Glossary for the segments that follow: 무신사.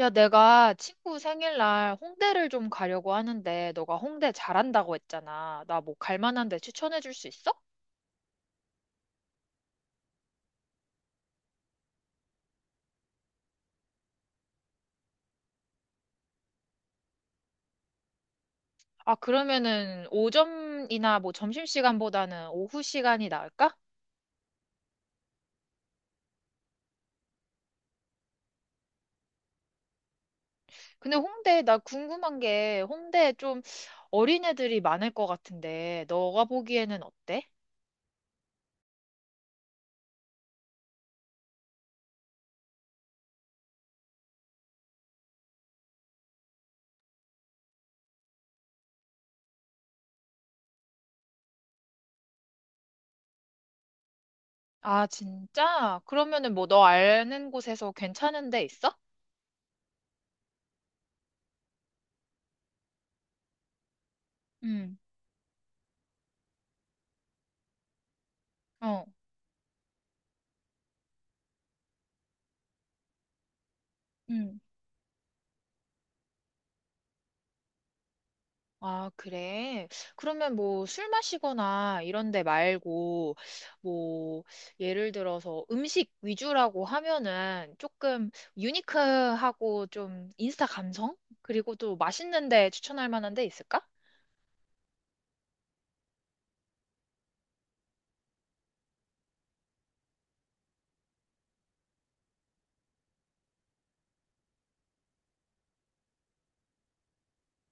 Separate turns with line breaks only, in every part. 야, 내가 친구 생일날 홍대를 좀 가려고 하는데, 너가 홍대 잘한다고 했잖아. 나 갈 만한 데 추천해 줄 수 있어? 그러면은 오전이나 점심시간보다는 오후 시간이 나을까? 근데 홍대, 나 궁금한 게 홍대 좀 어린애들이 많을 것 같은데, 너가 보기에는 어때? 아, 진짜? 그러면은 너 아는 곳에서 괜찮은 데 있어? 응, 어, 응. 아, 그래? 그러면 술 마시거나 이런 데 말고 뭐 예를 들어서 음식 위주라고 하면은 조금 유니크하고 좀 인스타 감성? 그리고 또 맛있는 데 추천할 만한 데 있을까?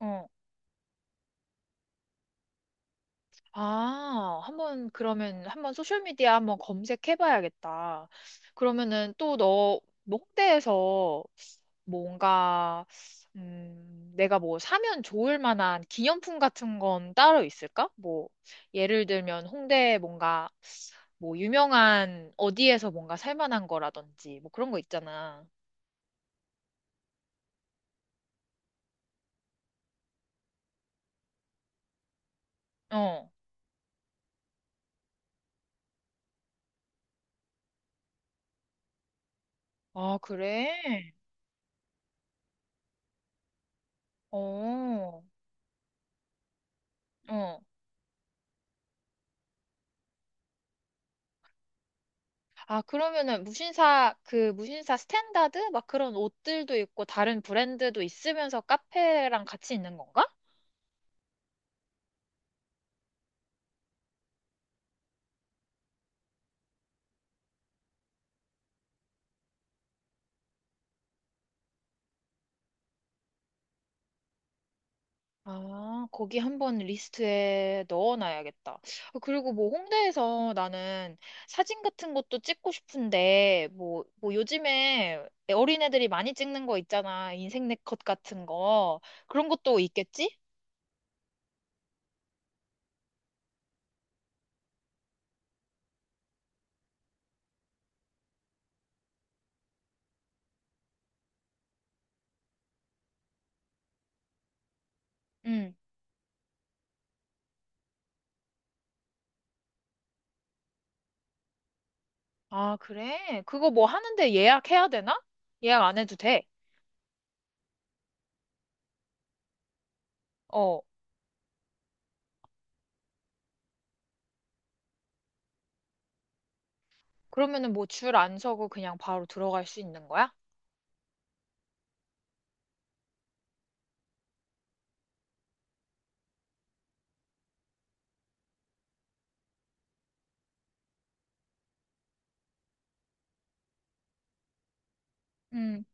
어. 아, 한번 그러면 한번 소셜 미디어 한번 검색해 봐야겠다. 그러면은 또너 홍대에서 뭔가 내가 사면 좋을 만한 기념품 같은 건 따로 있을까? 예를 들면 홍대에 뭔가 유명한 어디에서 뭔가 살 만한 거라든지 그런 거 있잖아. 어. 아, 그래? 어. 어. 아, 그러면은 무신사, 그 무신사 스탠다드? 막 그런 옷들도 있고 다른 브랜드도 있으면서 카페랑 같이 있는 건가? 아, 거기 한번 리스트에 넣어놔야겠다. 아, 그리고 홍대에서 나는 사진 같은 것도 찍고 싶은데, 요즘에 어린애들이 많이 찍는 거 있잖아. 인생 네컷 같은 거. 그런 것도 있겠지? 응. 아, 그래? 그거 하는데 예약해야 되나? 예약 안 해도 돼. 어. 그러면은 줄 안 서고 그냥 바로 들어갈 수 있는 거야? 응,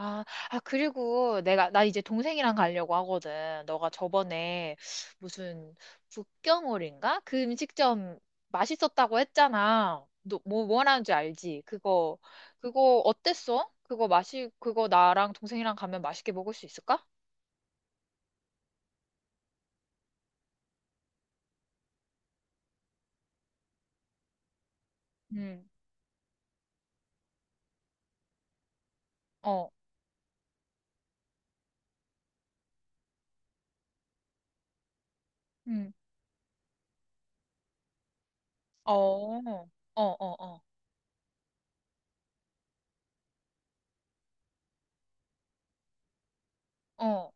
아, 아, 그리고 내가, 나 이제 동생이랑 가려고 하거든. 너가 저번에 무슨 북경오리인가? 그 음식점 맛있었다고 했잖아. 너, 뭐라는 줄 알지? 그거, 그거 어땠어? 그거 맛이, 그거 나랑 동생이랑 가면 맛있게 먹을 수 있을까? 응, 어, 음 어, 어, 어, 어, 어.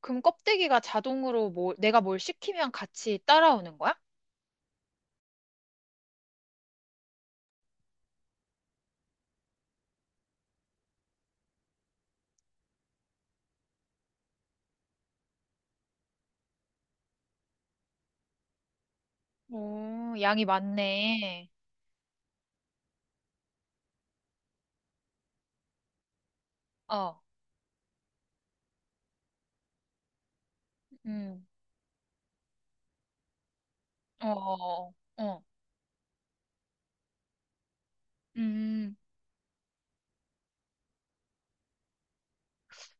그럼 껍데기가 자동으로 내가 뭘 시키면 같이 따라오는 거야? 오, 양이 많네. 어, 음, 어, 어, 어, 음.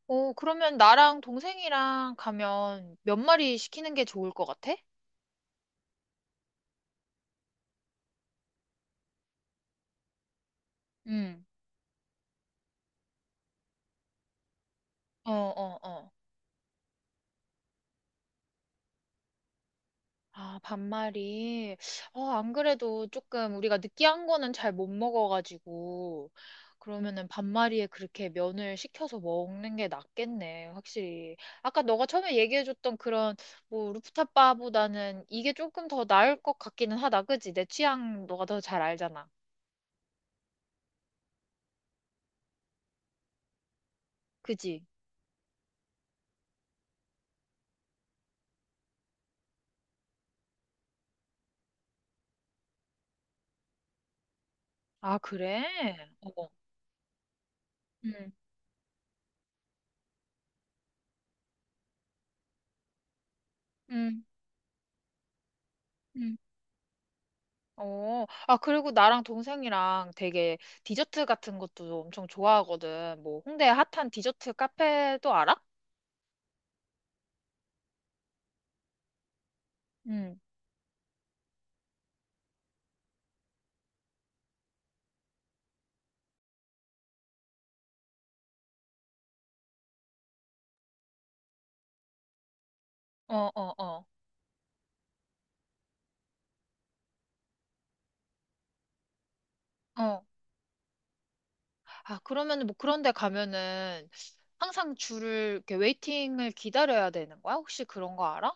오, 그러면 나랑 동생이랑 가면 몇 마리 시키는 게 좋을 것 같아? 음, 어, 어, 어. 아, 반말이. 어, 안 그래도 조금 우리가 느끼한 거는 잘 못 먹어가지고. 그러면은 반마리에 그렇게 면을 식혀서 먹는 게 낫겠네, 확실히. 아까 너가 처음에 얘기해줬던 그런, 루프탑 바보다는 이게 조금 더 나을 것 같기는 하다, 그지? 내 취향 너가 더 잘 알잖아. 그지? 아, 그래? 어. 응, 응, 응. 어, 아, 그리고 나랑 동생이랑 되게 디저트 같은 것도 엄청 좋아하거든. 뭐, 홍대 핫한 디저트 카페도 알아? 응, 어, 어, 어, 어. 아, 그러면은 그런 데 가면은 항상 줄을, 이렇게 웨이팅을 기다려야 되는 거야? 혹시 그런 거 알아?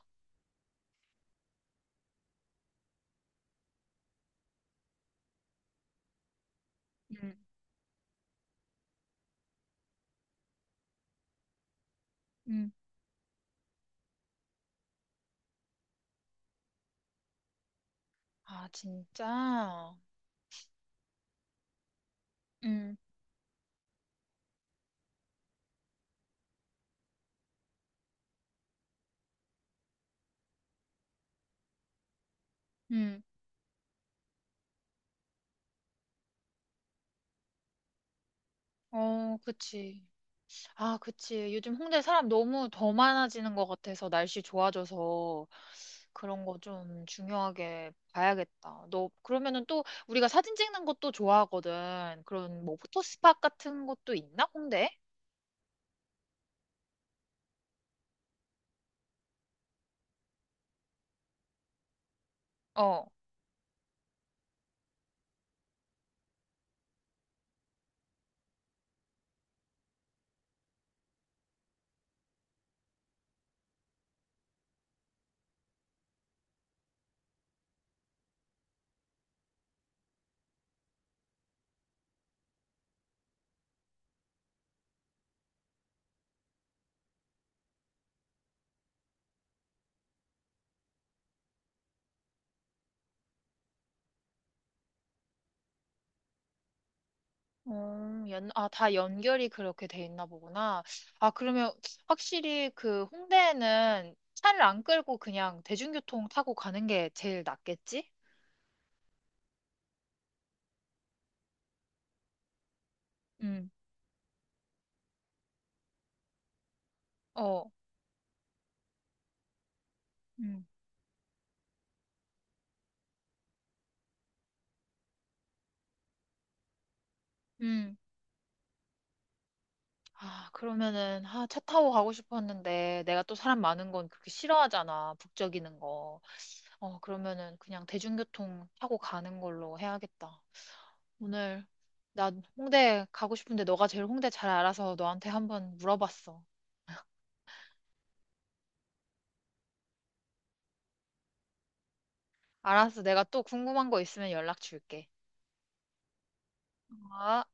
응, 응. 아, 진짜? 응, 응. 어, 그치. 아, 그치. 요즘 홍대 사람 너무 더 많아지는 것 같아서 날씨 좋아져서 그런 거 좀 중요하게 봐야겠다. 너 그러면은 또 우리가 사진 찍는 것도 좋아하거든. 그런 포토스팟 같은 것도 있나? 홍대에? 어. 연, 아, 다 연결이 그렇게 돼 있나 보구나. 아, 그러면 확실히 그 홍대에는 차를 안 끌고 그냥 대중교통 타고 가는 게 제일 낫겠지? 응, 어, 응, 응. 아, 그러면은, 아, 차 타고 가고 싶었는데, 내가 또 사람 많은 건 그렇게 싫어하잖아, 북적이는 거. 어, 그러면은 그냥 대중교통 타고 가는 걸로 해야겠다. 오늘, 난 홍대 가고 싶은데, 너가 제일 홍대 잘 알아서 너한테 한번 물어봤어. 알았어, 내가 또 궁금한 거 있으면 연락 줄게. 아